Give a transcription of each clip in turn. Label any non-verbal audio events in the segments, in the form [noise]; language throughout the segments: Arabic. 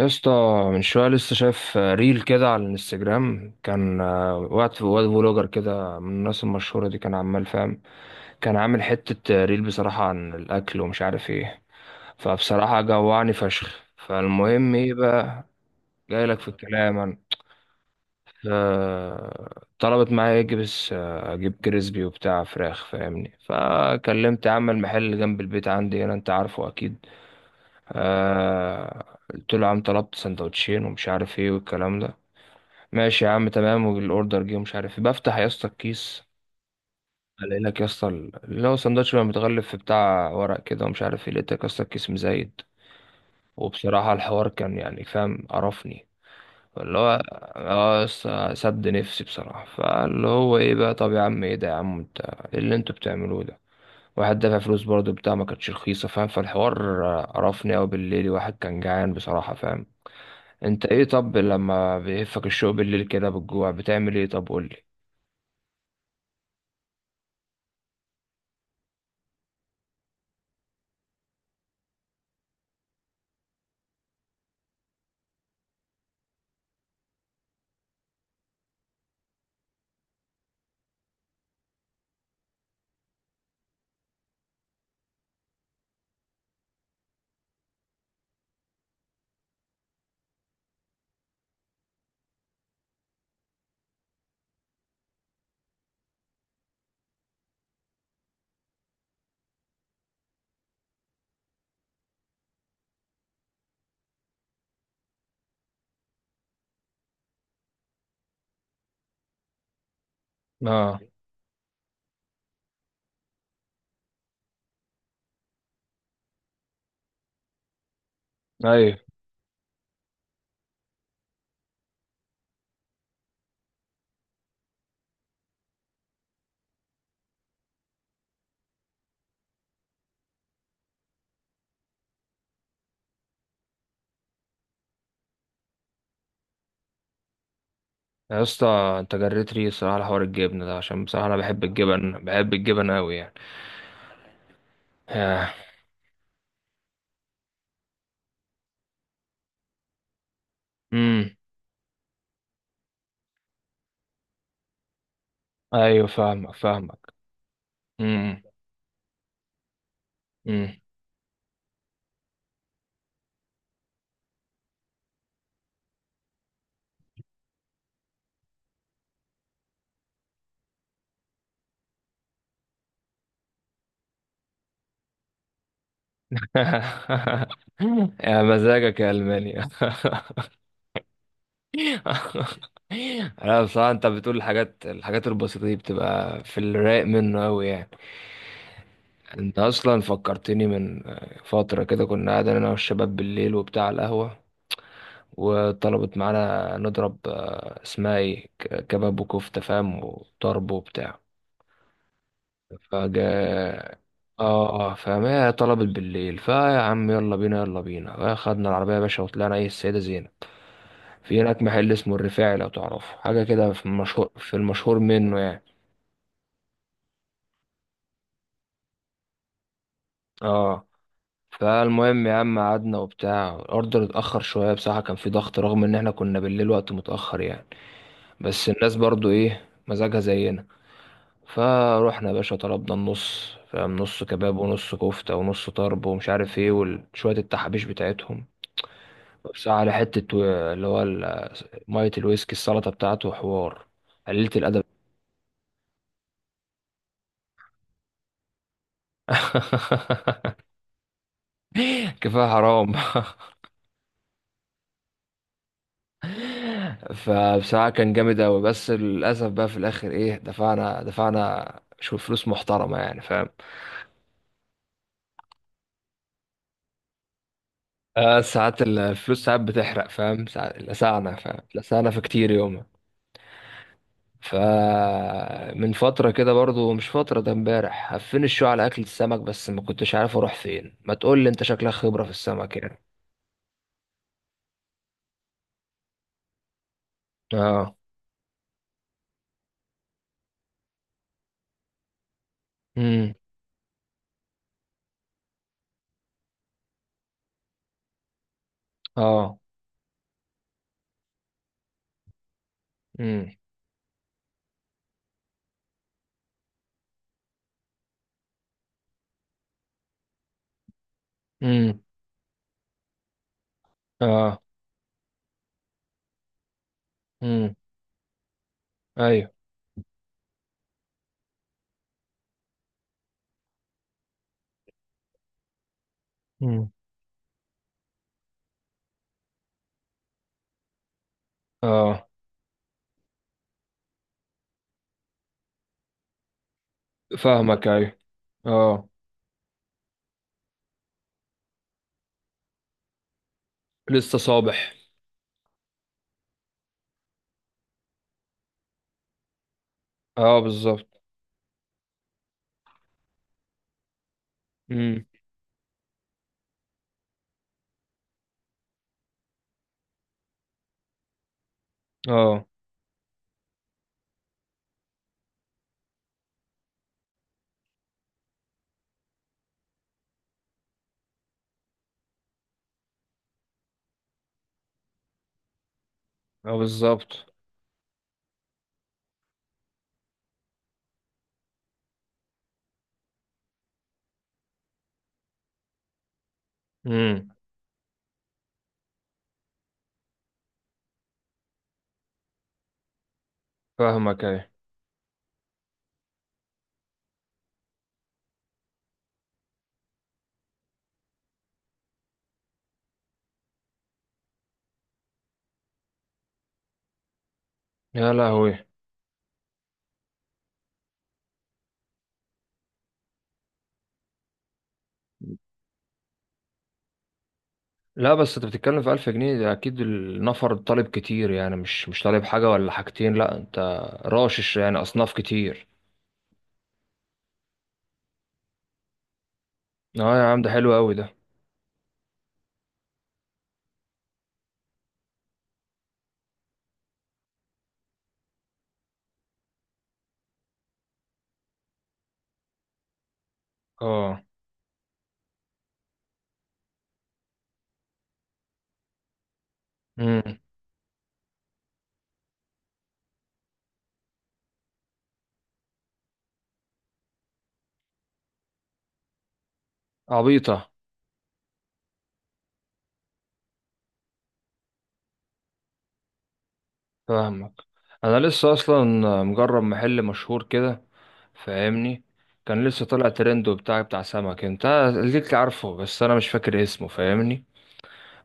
يا اسطى من شويه لسه شايف ريل كده على الانستجرام كان وقت واد فلوجر كده من الناس المشهوره دي كان عمال فاهم. كان عامل حته ريل بصراحه عن الاكل ومش عارف ايه. فبصراحه جوعني فشخ. فالمهم ايه بقى، جاي لك في الكلام انا. طلبت معايا اجيب اجيب كريسبي وبتاع فراخ فاهمني، فكلمت عم المحل جنب البيت عندي هنا انت عارفه اكيد. قلت له يا عم طلبت سندوتشين ومش عارف ايه والكلام ده، ماشي يا عم تمام. والاوردر جه ومش عارف إيه. بفتح يا اسطى الكيس، الاقي لك يا اسطى اللي هو سندوتش بقى متغلف في بتاع ورق كده ومش عارف ايه، لقيتك يا اسطى الكيس مزايد. وبصراحة الحوار كان يعني فاهم قرفني، اللي هو اه يا اسطى سد نفسي بصراحة. فاللي هو ايه بقى، طب يا عم ايه ده يا عم، انت ايه اللي انتوا بتعملوه ده؟ واحد دافع فلوس برضه بتاع، ما كانتش رخيصة فاهم. فالحوار قرفني أوي بالليل، واحد كان جعان بصراحة فاهم. انت ايه، طب لما بيهفك الشوق بالليل كده بالجوع بتعمل ايه؟ طب قولي. اه، ايوه. يا اسطى، انت جريت ري الصراحه على حوار الجبنه ده، عشان بصراحه انا بحب الجبن، بحب الجبن قوي يعني. آه. امم. ايوه، فاهمك فاهمك. امم. امم. [laughs] يا مزاجك يا المانيا. [laughs] لا بصراحه، انت بتقول الحاجات، الحاجات البسيطه دي بتبقى في الرايق منه قوي يعني. انت اصلا فكرتني من فتره كده، كنا قاعدين انا والشباب بالليل وبتاع على القهوه، وطلبت معانا نضرب اسمها ايه كباب وكفتة فاهم وطرب وبتاع، فجا. اه اه فاهم، هي طلبت بالليل. فيا عم يلا بينا يلا بينا، خدنا العربية يا باشا وطلعنا ايه السيدة زينب. في هناك محل اسمه الرفاعي لو تعرفه، حاجة كده في المشهور، في المشهور منه يعني. اه. فالمهم يا عم قعدنا وبتاع، الاوردر اتأخر شوية بصراحة، كان في ضغط رغم ان احنا كنا بالليل وقت متأخر يعني. بس الناس برضو ايه مزاجها زينا. فروحنا يا باشا طلبنا النص فاهم، نص كباب ونص كفتة ونص طرب ومش عارف ايه وشوية التحابيش بتاعتهم. بس على حتة اللي هو ال- مية الويسكي السلطة بتاعته حوار قليلة الأدب. [laughs] كفاية حرام. [laughs] فبصراحة كان جامد أوي، بس للأسف بقى في الآخر إيه، دفعنا شو فلوس محترمة يعني فاهم. آه، ساعات الفلوس ساعات بتحرق فاهم، ساعات لسعنا فاهم، لسعنا في كتير يومها. فمن فترة كده برضو، مش فترة، ده امبارح، هفين الشو على أكلة السمك، بس ما كنتش عارف أروح فين. ما تقول لي أنت شكلك خبرة في السمك يعني. اه. امم. اه. امم. امم. اه. امم. ايوه. امم. اه، فاهمك ايوه. اه، لسه صابح. اه بالظبط. امم. اه اه بالظبط. امم، فاهمك ايوه. يا لهوي. لا بس انت بتتكلم في 1000 جنيه ده اكيد النفر طالب كتير يعني، مش طالب حاجة ولا حاجتين، لا انت راشش يعني اصناف كتير. اه يا عم ده حلو قوي ده. اه. امم. عبيطة. فاهمك. انا لسه اصلا مجرب محل مشهور كده فاهمني، كان لسه طالع ترند وبتاع، بتاع سمك انت ليك عارفه، بس انا مش فاكر اسمه فاهمني.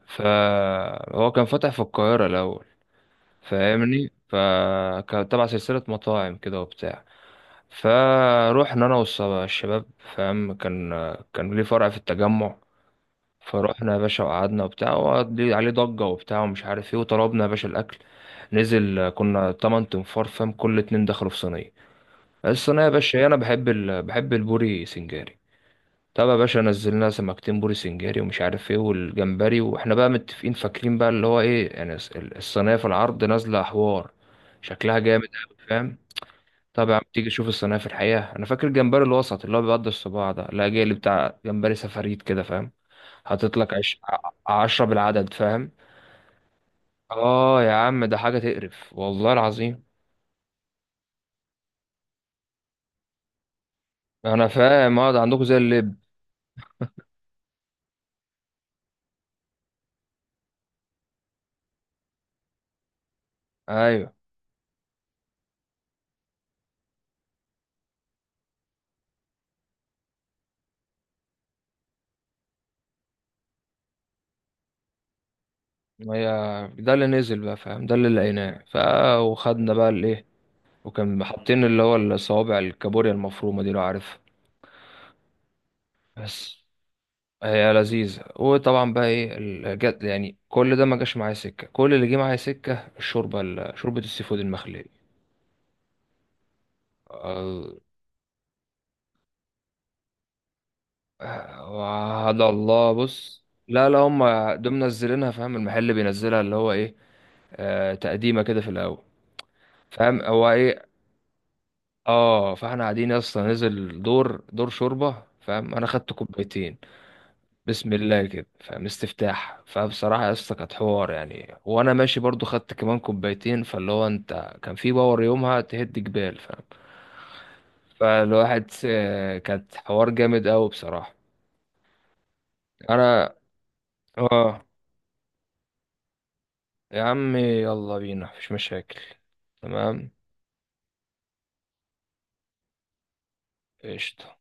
فهو كان فاتح في القاهرة الاول فاهمني، فكان تبع سلسلة مطاعم كده وبتاع. فروحنا انا والشباب فاهم، كان كان ليه فرع في التجمع. فروحنا يا باشا وقعدنا وبتاع، وقضي عليه ضجة وبتاع ومش عارف ايه، وطلبنا يا باشا الاكل، نزل. كنا تمن تنفار فاهم، كل اتنين دخلوا في صينية. الصينية يا باشا، انا بحب بحب البوري سنجاري. طب يا باشا نزلنا سمكتين بوري سنجاري ومش عارف ايه والجمبري، واحنا بقى متفقين فاكرين بقى اللي هو ايه يعني، الصينية في العرض نازلة حوار، شكلها جامد أوي فاهم. طبعا تيجي تشوف الصينية في الحقيقة، أنا فاكر الجمبري الوسط اللي هو بيقضي الصباع ده، لا جاي اللي بتاع جمبري سفاريت كده فاهم، حاطط لك عشرة بالعدد فاهم. آه يا عم ده حاجة تقرف والله العظيم. أنا فاهم، اه ده عندكم زي اللب. أيوه. ما هي ده اللي نزل بقى فاهم، ده اللي لقيناه، ف وخدنا بقى الإيه، وكان حاطين اللي هو الصوابع الكابوريا المفرومة دي لو عارفها. بس هي لذيذة. وطبعا بقى ايه جت يعني، كل ده ما جاش معايا سكة، كل اللي جه معايا سكة الشوربة، شوربة السي فود المخلية. آه، وعد الله بص، لا لا هم دول منزلينها فاهم، المحل بينزلها اللي هو ايه، آه تقديمة كده في الأول فاهم هو ايه. اه، فاحنا قاعدين يا اسطى، نزل دور دور شوربة فاهم، انا خدت كوبايتين، بسم الله كده فاهم، استفتاح. فبصراحة يا اسطى كانت حوار يعني، وانا ماشي برضو خدت كمان كوبايتين، فاللي هو انت كان في باور يومها تهد جبال فاهم. فالواحد كانت حوار جامد قوي بصراحة. انا اه، يا عمي يلا بينا مفيش مشاكل. تمام، قشطة.